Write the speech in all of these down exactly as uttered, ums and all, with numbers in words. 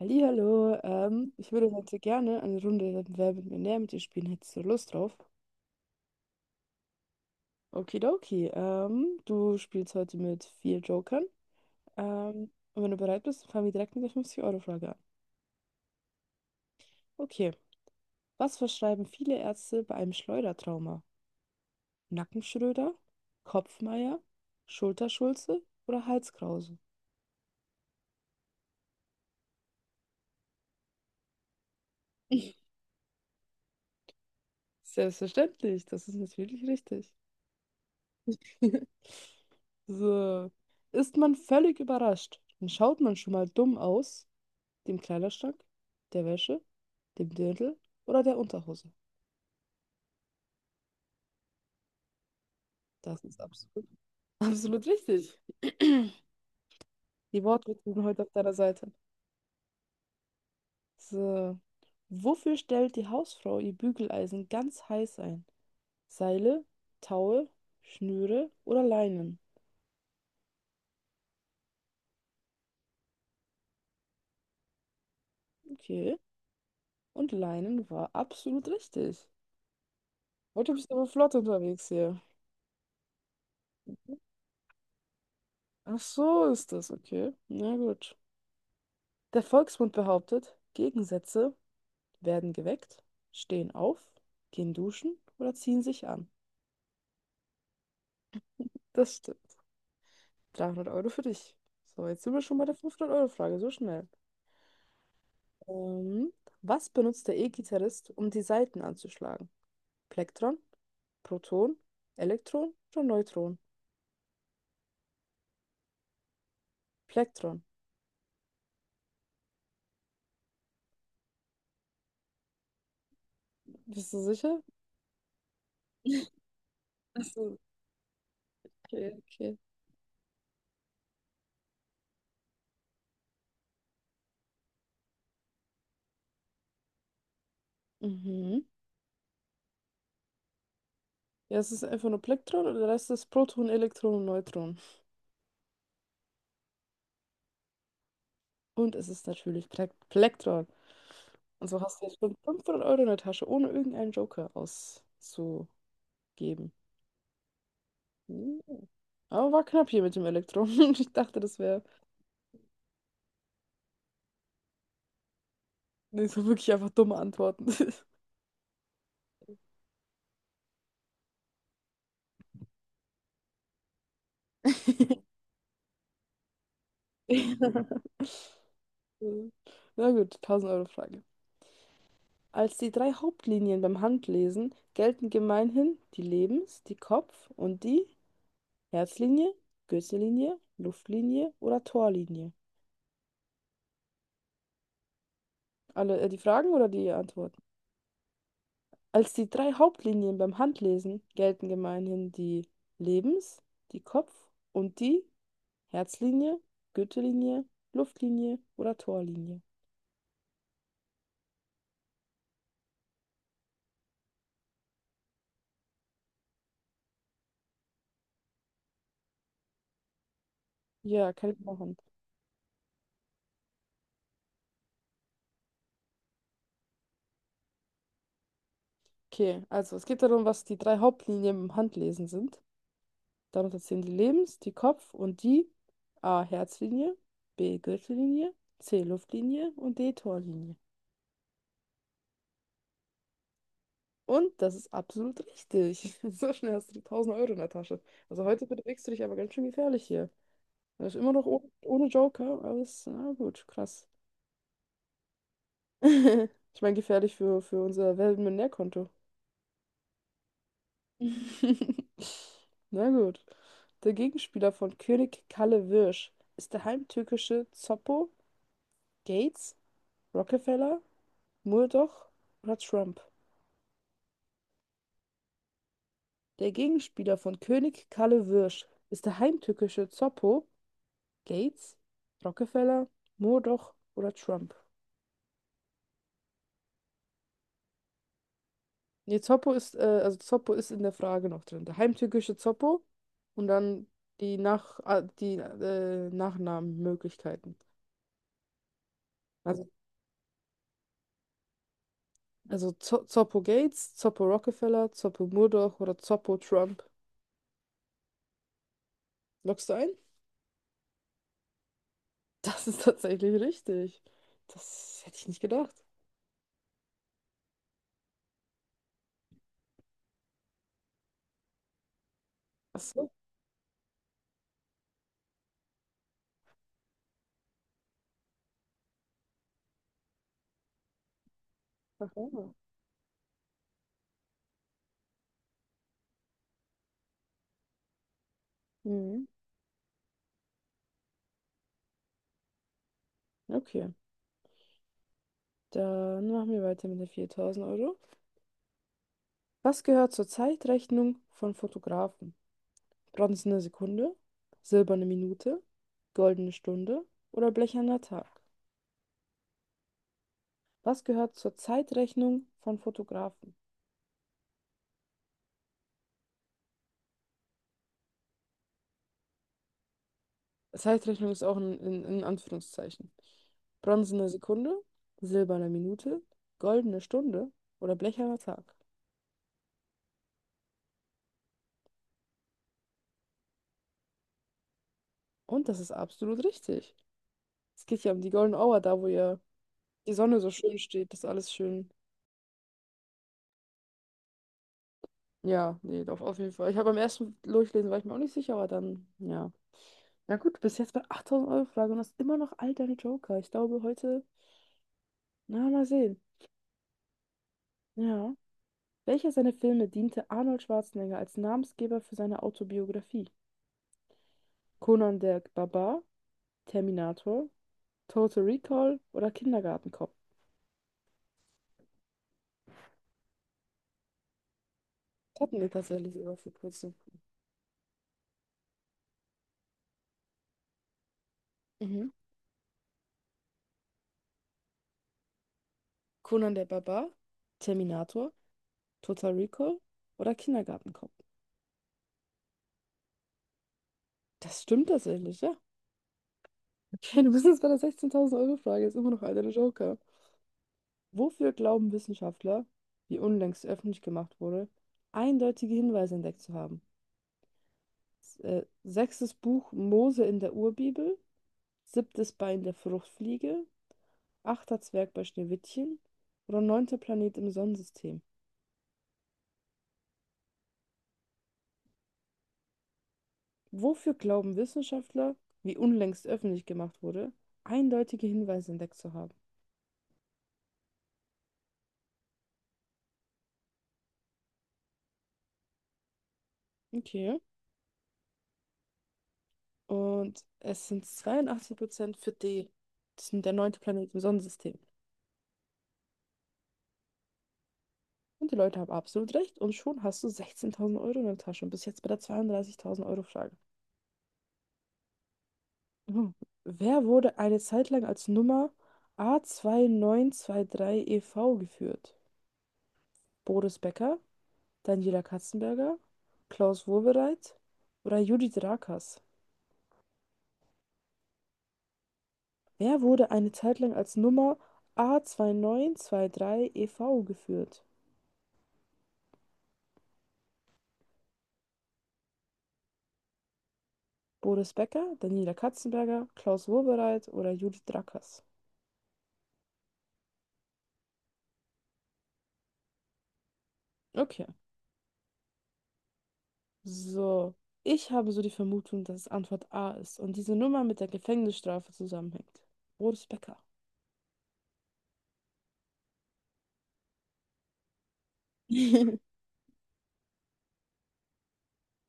Hallihallo, ähm, ich würde heute gerne eine Runde Wer wird Millionär mit dir spielen. Hättest du Lust drauf? Okidoki, ähm, du spielst heute mit vier Jokern. Ähm, und wenn du bereit bist, fangen wir direkt mit der fünfzig-Euro-Frage an. Okay, was verschreiben viele Ärzte bei einem Schleudertrauma? Nackenschröder, Kopfmeier, Schulterschulze oder Halskrause? Selbstverständlich, das ist natürlich richtig. So. Ist man völlig überrascht, dann schaut man schon mal dumm aus dem Kleiderschrank, der Wäsche, dem Dirndl oder der Unterhose? Das ist absolut, absolut richtig. Die Wortwitze sind heute auf deiner Seite. So. Wofür stellt die Hausfrau ihr Bügeleisen ganz heiß ein? Seile, Taue, Schnüre oder Leinen? Okay. Und Leinen war absolut richtig. Heute bist du aber flott unterwegs hier. Ach so ist das, okay. Na gut. Der Volksmund behauptet, Gegensätze werden geweckt, stehen auf, gehen duschen oder ziehen sich an. Das stimmt. dreihundert Euro für dich. So, jetzt sind wir schon bei der fünfhundert-Euro-Frage, so schnell. Ähm, was benutzt der E-Gitarrist, um die Saiten anzuschlagen? Plektron, Proton, Elektron oder Neutron? Plektron. Bist du sicher? Achso, okay, okay. Mhm. Ja, es ist einfach nur Plektron und der Rest ist Proton, Elektron und Neutron. Und es ist natürlich Plek Plektron. Und so hast du jetzt schon fünfhundert Euro in der Tasche, ohne irgendeinen Joker auszugeben. Hm. Aber war knapp hier mit dem Elektro. Ich dachte, das wäre nicht so wirklich einfach dumme Antworten. Ja. Na gut, tausend-Euro-Frage. Als die drei Hauptlinien beim Handlesen gelten gemeinhin die Lebens-, die Kopf- und die Herzlinie, Gürtellinie, Luftlinie oder Torlinie. Alle, äh, die Fragen oder die Antworten? Als die drei Hauptlinien beim Handlesen gelten gemeinhin die Lebens-, die Kopf- und die Herzlinie, Gürtellinie, Luftlinie oder Torlinie. Ja, kann ich machen. Okay, also es geht darum, was die drei Hauptlinien beim Handlesen sind. Darunter zählen die Lebens-, die Kopf- und die A. Herzlinie, B. Gürtellinie, C. Luftlinie und D. Torlinie. Und das ist absolut richtig. So schnell hast du tausend Euro in der Tasche. Also heute bewegst du dich aber ganz schön gefährlich hier. Er ist immer noch ohne, ohne Joker, aber ist, na gut, krass. Ich meine, gefährlich für, für unser Weltmillionärkonto. Na gut. Der Gegenspieler von König Kalle Wirsch ist der heimtückische Zoppo, Gates, Rockefeller, Murdoch oder Trump. Der Gegenspieler von König Kalle Wirsch ist der heimtückische Zoppo, Gates, Rockefeller, Murdoch oder Trump. Nee, Zoppo ist, äh, also Zoppo ist in der Frage noch drin. Der heimtückische Zoppo und dann die, Nach ah, die äh, Nachnamenmöglichkeiten. Also, also Zo Zoppo Gates, Zoppo Rockefeller, Zoppo Murdoch oder Zoppo Trump. Loggst du ein? Das ist tatsächlich richtig. Das hätte ich nicht gedacht. Ach so. Ach ja. Mhm. Okay. Dann machen wir weiter mit den viertausend Euro. Was gehört zur Zeitrechnung von Fotografen? Bronzene Sekunde, silberne Minute, goldene Stunde oder blecherner Tag? Was gehört zur Zeitrechnung von Fotografen? Zeitrechnung ist auch in, in, in Anführungszeichen. Bronzene Sekunde, silberne Minute, goldene Stunde oder blecherner Tag. Und das ist absolut richtig. Es geht ja um die Golden Hour, da wo ja die Sonne so schön steht, dass alles schön. Ja, nee, auf, auf jeden Fall. Ich habe beim ersten Durchlesen war ich mir auch nicht sicher, aber dann, ja. Na gut, bis jetzt bei achttausend Euro Frage und hast immer noch all deine Joker. Ich glaube, heute, na, mal sehen. Ja. Welcher seiner Filme diente Arnold Schwarzenegger als Namensgeber für seine Autobiografie? Conan der Barbar, Terminator, Total Recall oder Kindergartenkopf? Das hatten wir tatsächlich sogar vor kurzem. Mhm. Conan der Barbar, Terminator, Total Recall oder Kindergartenkopf? Das stimmt tatsächlich, ja. Okay, du bist jetzt bei der sechzehntausend-Euro-Frage, ist immer noch einer der Joker. Wofür glauben Wissenschaftler, wie unlängst öffentlich gemacht wurde, eindeutige Hinweise entdeckt zu haben? S- Äh, sechstes Buch Mose in der Urbibel, siebtes Bein der Fruchtfliege, achter Zwerg bei Schneewittchen oder neunter Planet im Sonnensystem. Wofür glauben Wissenschaftler, wie unlängst öffentlich gemacht wurde, eindeutige Hinweise entdeckt zu haben? Okay. Und es sind zweiundachtzig Prozent für D. Das ist der neunte Planet im Sonnensystem. Und die Leute haben absolut recht. Und schon hast du sechzehntausend Euro in der Tasche. Und bist jetzt bei der zweiunddreißigtausend Euro Frage. Mhm. Wer wurde eine Zeit lang als Nummer A zwei neun zwei drei E V zwei neun zwei neun geführt? Boris Becker, Daniela Katzenberger, Klaus Wowereit oder Judith Rakers? Wer wurde eine Zeit lang als Nummer A zwei neun zwei drei E V zwei neun zwei neun geführt? Boris Becker, Daniela Katzenberger, Klaus Wowereit oder Judith Drackers. Okay, so. Ich habe so die Vermutung, dass es Antwort A ist und diese Nummer mit der Gefängnisstrafe zusammenhängt. Boris Becker.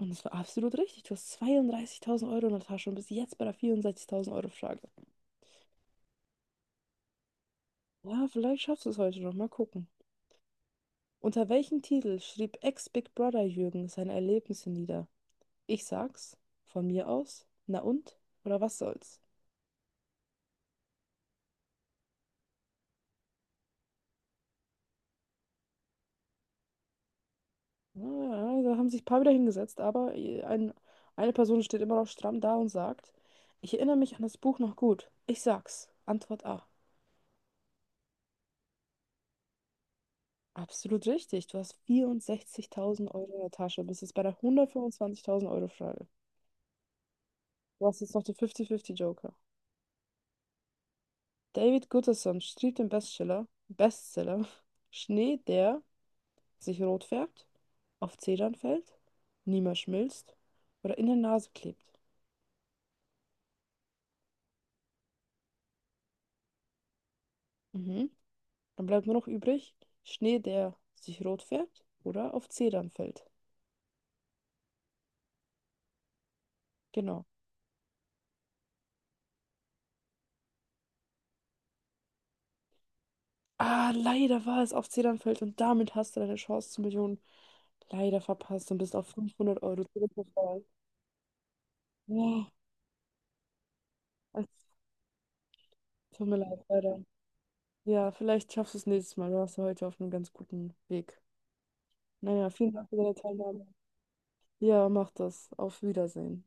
Und es war absolut richtig. Du hast zweiunddreißigtausend Euro in der Tasche und bist jetzt bei der vierundsechzigtausend Euro Frage. Ja, vielleicht schaffst du es heute noch. Mal gucken. Unter welchem Titel schrieb Ex-Big Brother Jürgen seine Erlebnisse nieder? Ich sag's. Von mir aus? Na und? Oder was soll's? Ja, da haben sich ein paar wieder hingesetzt, aber äh, ein, eine Person steht immer noch stramm da und sagt, ich erinnere mich an das Buch noch gut. Ich sag's. Antwort A. Absolut richtig. Du hast vierundsechzigtausend Euro in der Tasche. Bist jetzt bei der hundertfünfundzwanzigtausend Euro Frage. Du hast jetzt noch den fünfzig fünfzig Joker. David Gutterson schrieb den Bestseller, Bestseller Schnee, der sich rot färbt, auf Zedern fällt, niemals schmilzt oder in der Nase klebt. Mhm. Dann bleibt nur noch übrig Schnee, der sich rot färbt oder auf Zedern fällt. Genau. Ah, leider war es auf Zedern fällt und damit hast du deine Chance zur Million leider verpasst und bist auf fünfhundert Euro zurückgefallen. Ja, es tut mir leid, leider. Ja, vielleicht schaffst du es nächstes Mal. Du warst ja heute auf einem ganz guten Weg. Naja, vielen Dank für deine Teilnahme. Ja, mach das. Auf Wiedersehen.